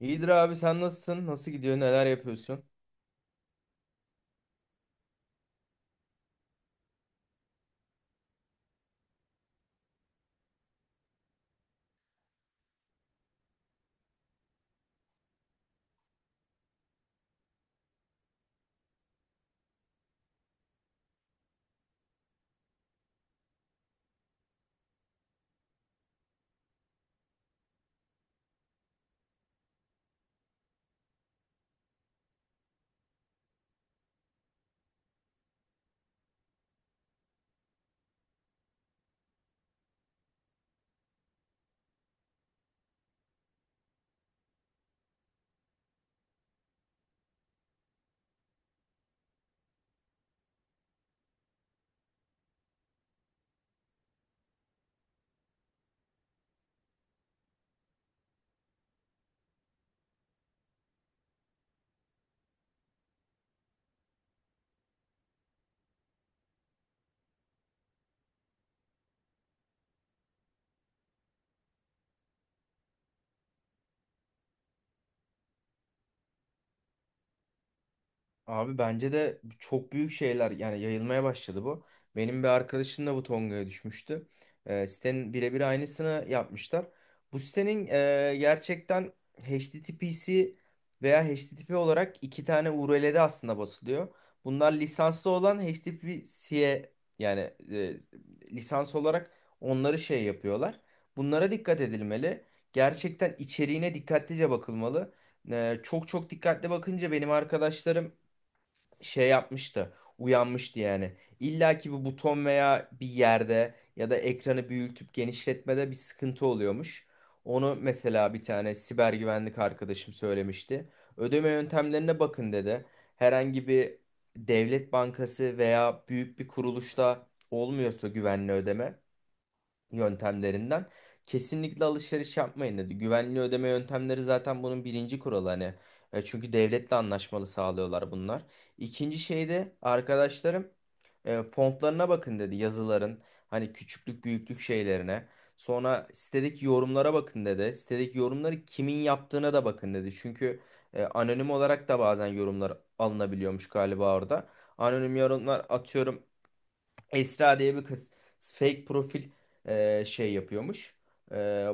İyidir abi sen nasılsın? Nasıl gidiyor? Neler yapıyorsun? Abi bence de çok büyük şeyler yani yayılmaya başladı bu. Benim bir arkadaşım da bu Tonga'ya düşmüştü. Sitenin birebir aynısını yapmışlar. Bu sitenin gerçekten HTTPC veya HTTP olarak iki tane URL'de aslında basılıyor. Bunlar lisanslı olan HTTPC'ye yani e, lisans olarak onları şey yapıyorlar. Bunlara dikkat edilmeli. Gerçekten içeriğine dikkatlice bakılmalı. Çok çok dikkatli bakınca benim arkadaşlarım şey yapmıştı. Uyanmıştı yani. İlla ki bu buton veya bir yerde ya da ekranı büyütüp genişletmede bir sıkıntı oluyormuş. Onu mesela bir tane siber güvenlik arkadaşım söylemişti. Ödeme yöntemlerine bakın dedi. Herhangi bir devlet bankası veya büyük bir kuruluşta olmuyorsa güvenli ödeme yöntemlerinden kesinlikle alışveriş yapmayın dedi. Güvenli ödeme yöntemleri zaten bunun birinci kuralı hani. Çünkü devletle anlaşmalı sağlıyorlar bunlar. İkinci şey de arkadaşlarım fontlarına bakın dedi yazıların hani küçüklük büyüklük şeylerine. Sonra sitedeki yorumlara bakın dedi. Sitedeki yorumları kimin yaptığına da bakın dedi. Çünkü anonim olarak da bazen yorumlar alınabiliyormuş galiba orada. Anonim yorumlar atıyorum Esra diye bir kız fake profil şey yapıyormuş. E,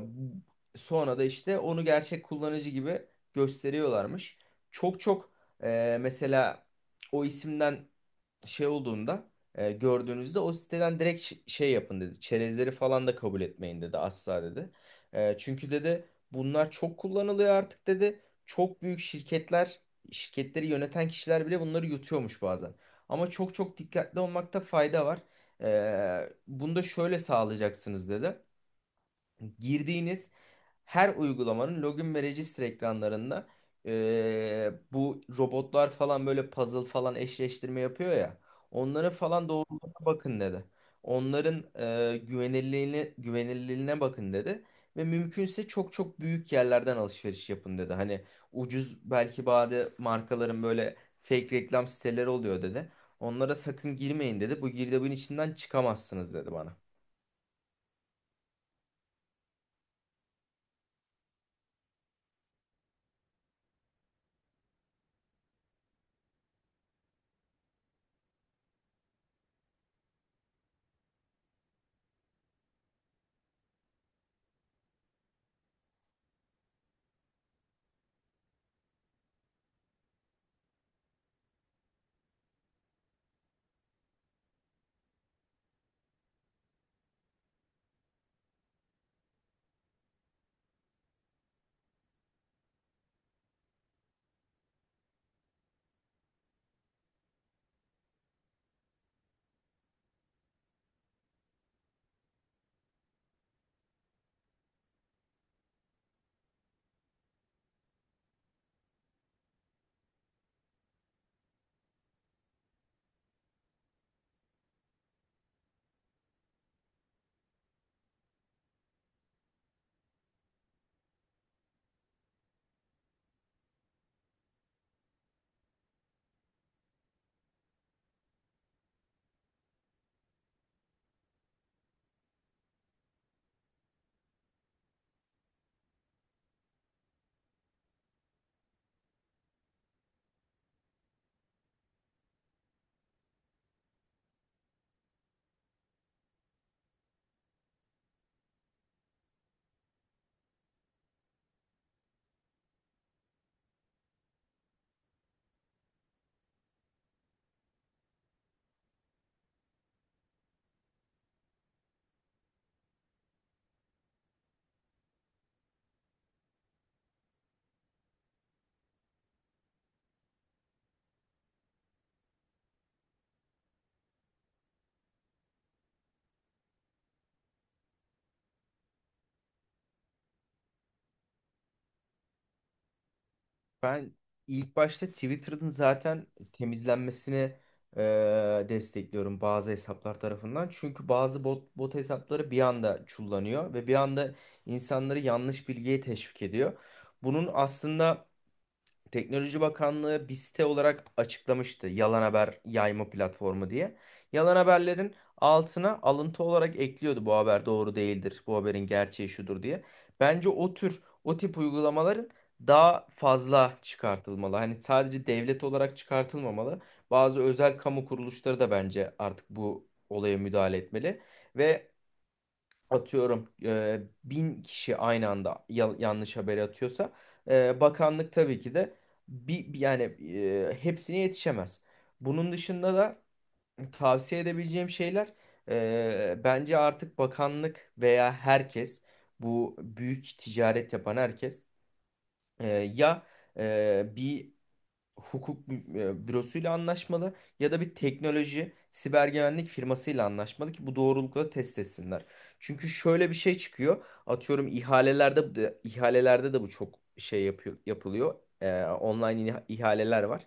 sonra da işte onu gerçek kullanıcı gibi gösteriyorlarmış. Çok çok mesela o isimden şey olduğunda gördüğünüzde o siteden direkt şey yapın dedi. Çerezleri falan da kabul etmeyin dedi asla dedi. Çünkü dedi bunlar çok kullanılıyor artık dedi. Çok büyük şirketleri yöneten kişiler bile bunları yutuyormuş bazen. Ama çok çok dikkatli olmakta fayda var. Bunu da şöyle sağlayacaksınız dedi girdiğiniz her uygulamanın login ve register ekranlarında bu robotlar falan böyle puzzle falan eşleştirme yapıyor ya. Onların falan doğruluğuna bakın dedi. Onların güvenilirliğine bakın dedi. Ve mümkünse çok çok büyük yerlerden alışveriş yapın dedi. Hani ucuz belki bazı markaların böyle fake reklam siteleri oluyor dedi. Onlara sakın girmeyin dedi. Bu girdabın içinden çıkamazsınız dedi bana. Ben ilk başta Twitter'ın zaten temizlenmesini e, destekliyorum bazı hesaplar tarafından. Çünkü bazı bot hesapları bir anda çullanıyor ve bir anda insanları yanlış bilgiye teşvik ediyor. Bunun aslında Teknoloji Bakanlığı bir site olarak açıklamıştı yalan haber yayma platformu diye. Yalan haberlerin altına alıntı olarak ekliyordu bu haber doğru değildir, bu haberin gerçeği şudur diye. Bence o tip uygulamaların daha fazla çıkartılmalı. Hani sadece devlet olarak çıkartılmamalı. Bazı özel kamu kuruluşları da bence artık bu olaya müdahale etmeli. Ve atıyorum bin kişi aynı anda yanlış haber atıyorsa bakanlık tabii ki de bir yani hepsine yetişemez. Bunun dışında da tavsiye edebileceğim şeyler bence artık bakanlık veya herkes bu büyük ticaret yapan herkes ya bir hukuk bürosuyla anlaşmalı ya da bir teknoloji siber güvenlik firmasıyla anlaşmalı ki bu doğrulukla test etsinler. Çünkü şöyle bir şey çıkıyor. Atıyorum ihalelerde de bu çok şey yapılıyor. Online ihaleler var.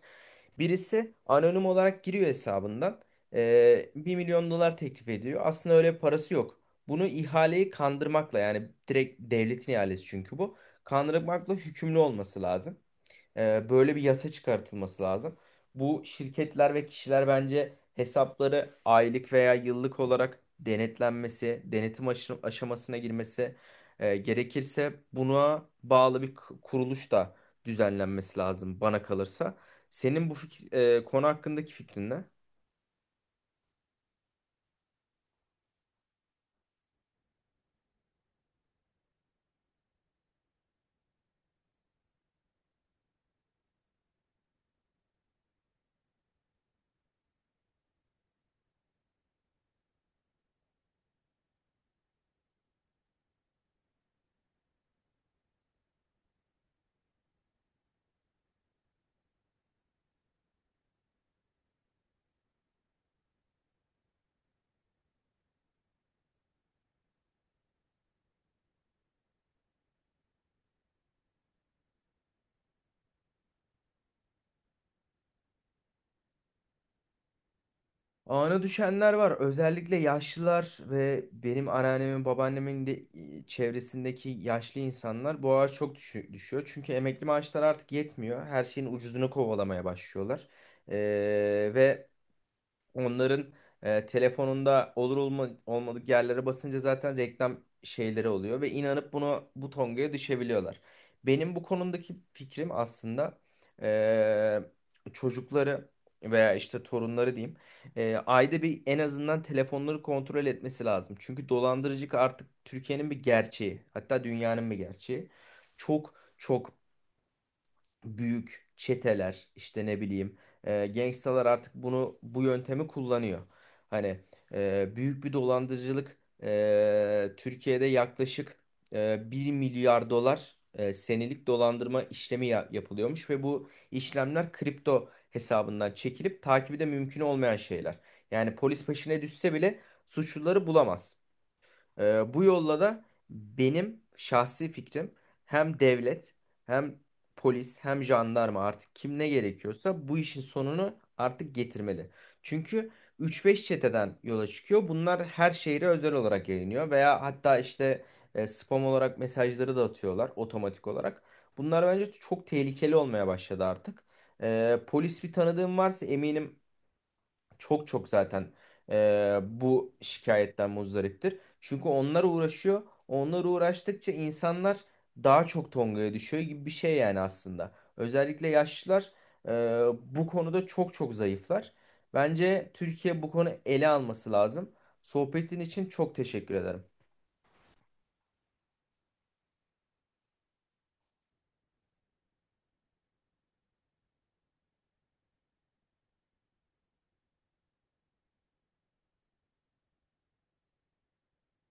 Birisi anonim olarak giriyor hesabından. 1 milyon dolar teklif ediyor. Aslında öyle bir parası yok. Bunu ihaleyi kandırmakla yani direkt devletin ihalesi çünkü bu. Kandırmakla hükümlü olması lazım. Böyle bir yasa çıkartılması lazım. Bu şirketler ve kişiler bence hesapları aylık veya yıllık olarak denetlenmesi, denetim aşamasına girmesi gerekirse buna bağlı bir kuruluş da düzenlenmesi lazım bana kalırsa. Senin bu konu hakkındaki fikrin ne? Ağına düşenler var. Özellikle yaşlılar ve benim anneannemin, babaannemin de çevresindeki yaşlı insanlar bu ağaç çok düşüyor. Çünkü emekli maaşlar artık yetmiyor. Her şeyin ucuzunu kovalamaya başlıyorlar. Ee, ve onların telefonunda olmadık yerlere basınca zaten reklam şeyleri oluyor ve inanıp buna bu tongaya düşebiliyorlar. Benim bu konudaki fikrim aslında çocukları veya işte torunları diyeyim ayda bir en azından telefonları kontrol etmesi lazım. Çünkü dolandırıcılık artık Türkiye'nin bir gerçeği hatta dünyanın bir gerçeği. Çok çok büyük çeteler işte ne bileyim gangstalar artık bu yöntemi kullanıyor. Hani büyük bir dolandırıcılık Türkiye'de yaklaşık 1 milyar dolar senelik dolandırma işlemi yapılıyormuş ve bu işlemler kripto hesabından çekilip takibi de mümkün olmayan şeyler. Yani polis peşine düşse bile suçluları bulamaz. Bu yolla da benim şahsi fikrim hem devlet hem polis hem jandarma artık kim ne gerekiyorsa bu işin sonunu artık getirmeli. Çünkü 3-5 çeteden yola çıkıyor. Bunlar her şehre özel olarak yayınlıyor veya hatta işte spam olarak mesajları da atıyorlar otomatik olarak. Bunlar bence çok tehlikeli olmaya başladı artık. Polis bir tanıdığım varsa eminim çok çok zaten bu şikayetten muzdariptir. Çünkü onlar uğraşıyor. Onlar uğraştıkça insanlar daha çok tongaya düşüyor gibi bir şey yani aslında. Özellikle yaşlılar e, bu konuda çok çok zayıflar. Bence Türkiye bu konu ele alması lazım. Sohbetin için çok teşekkür ederim.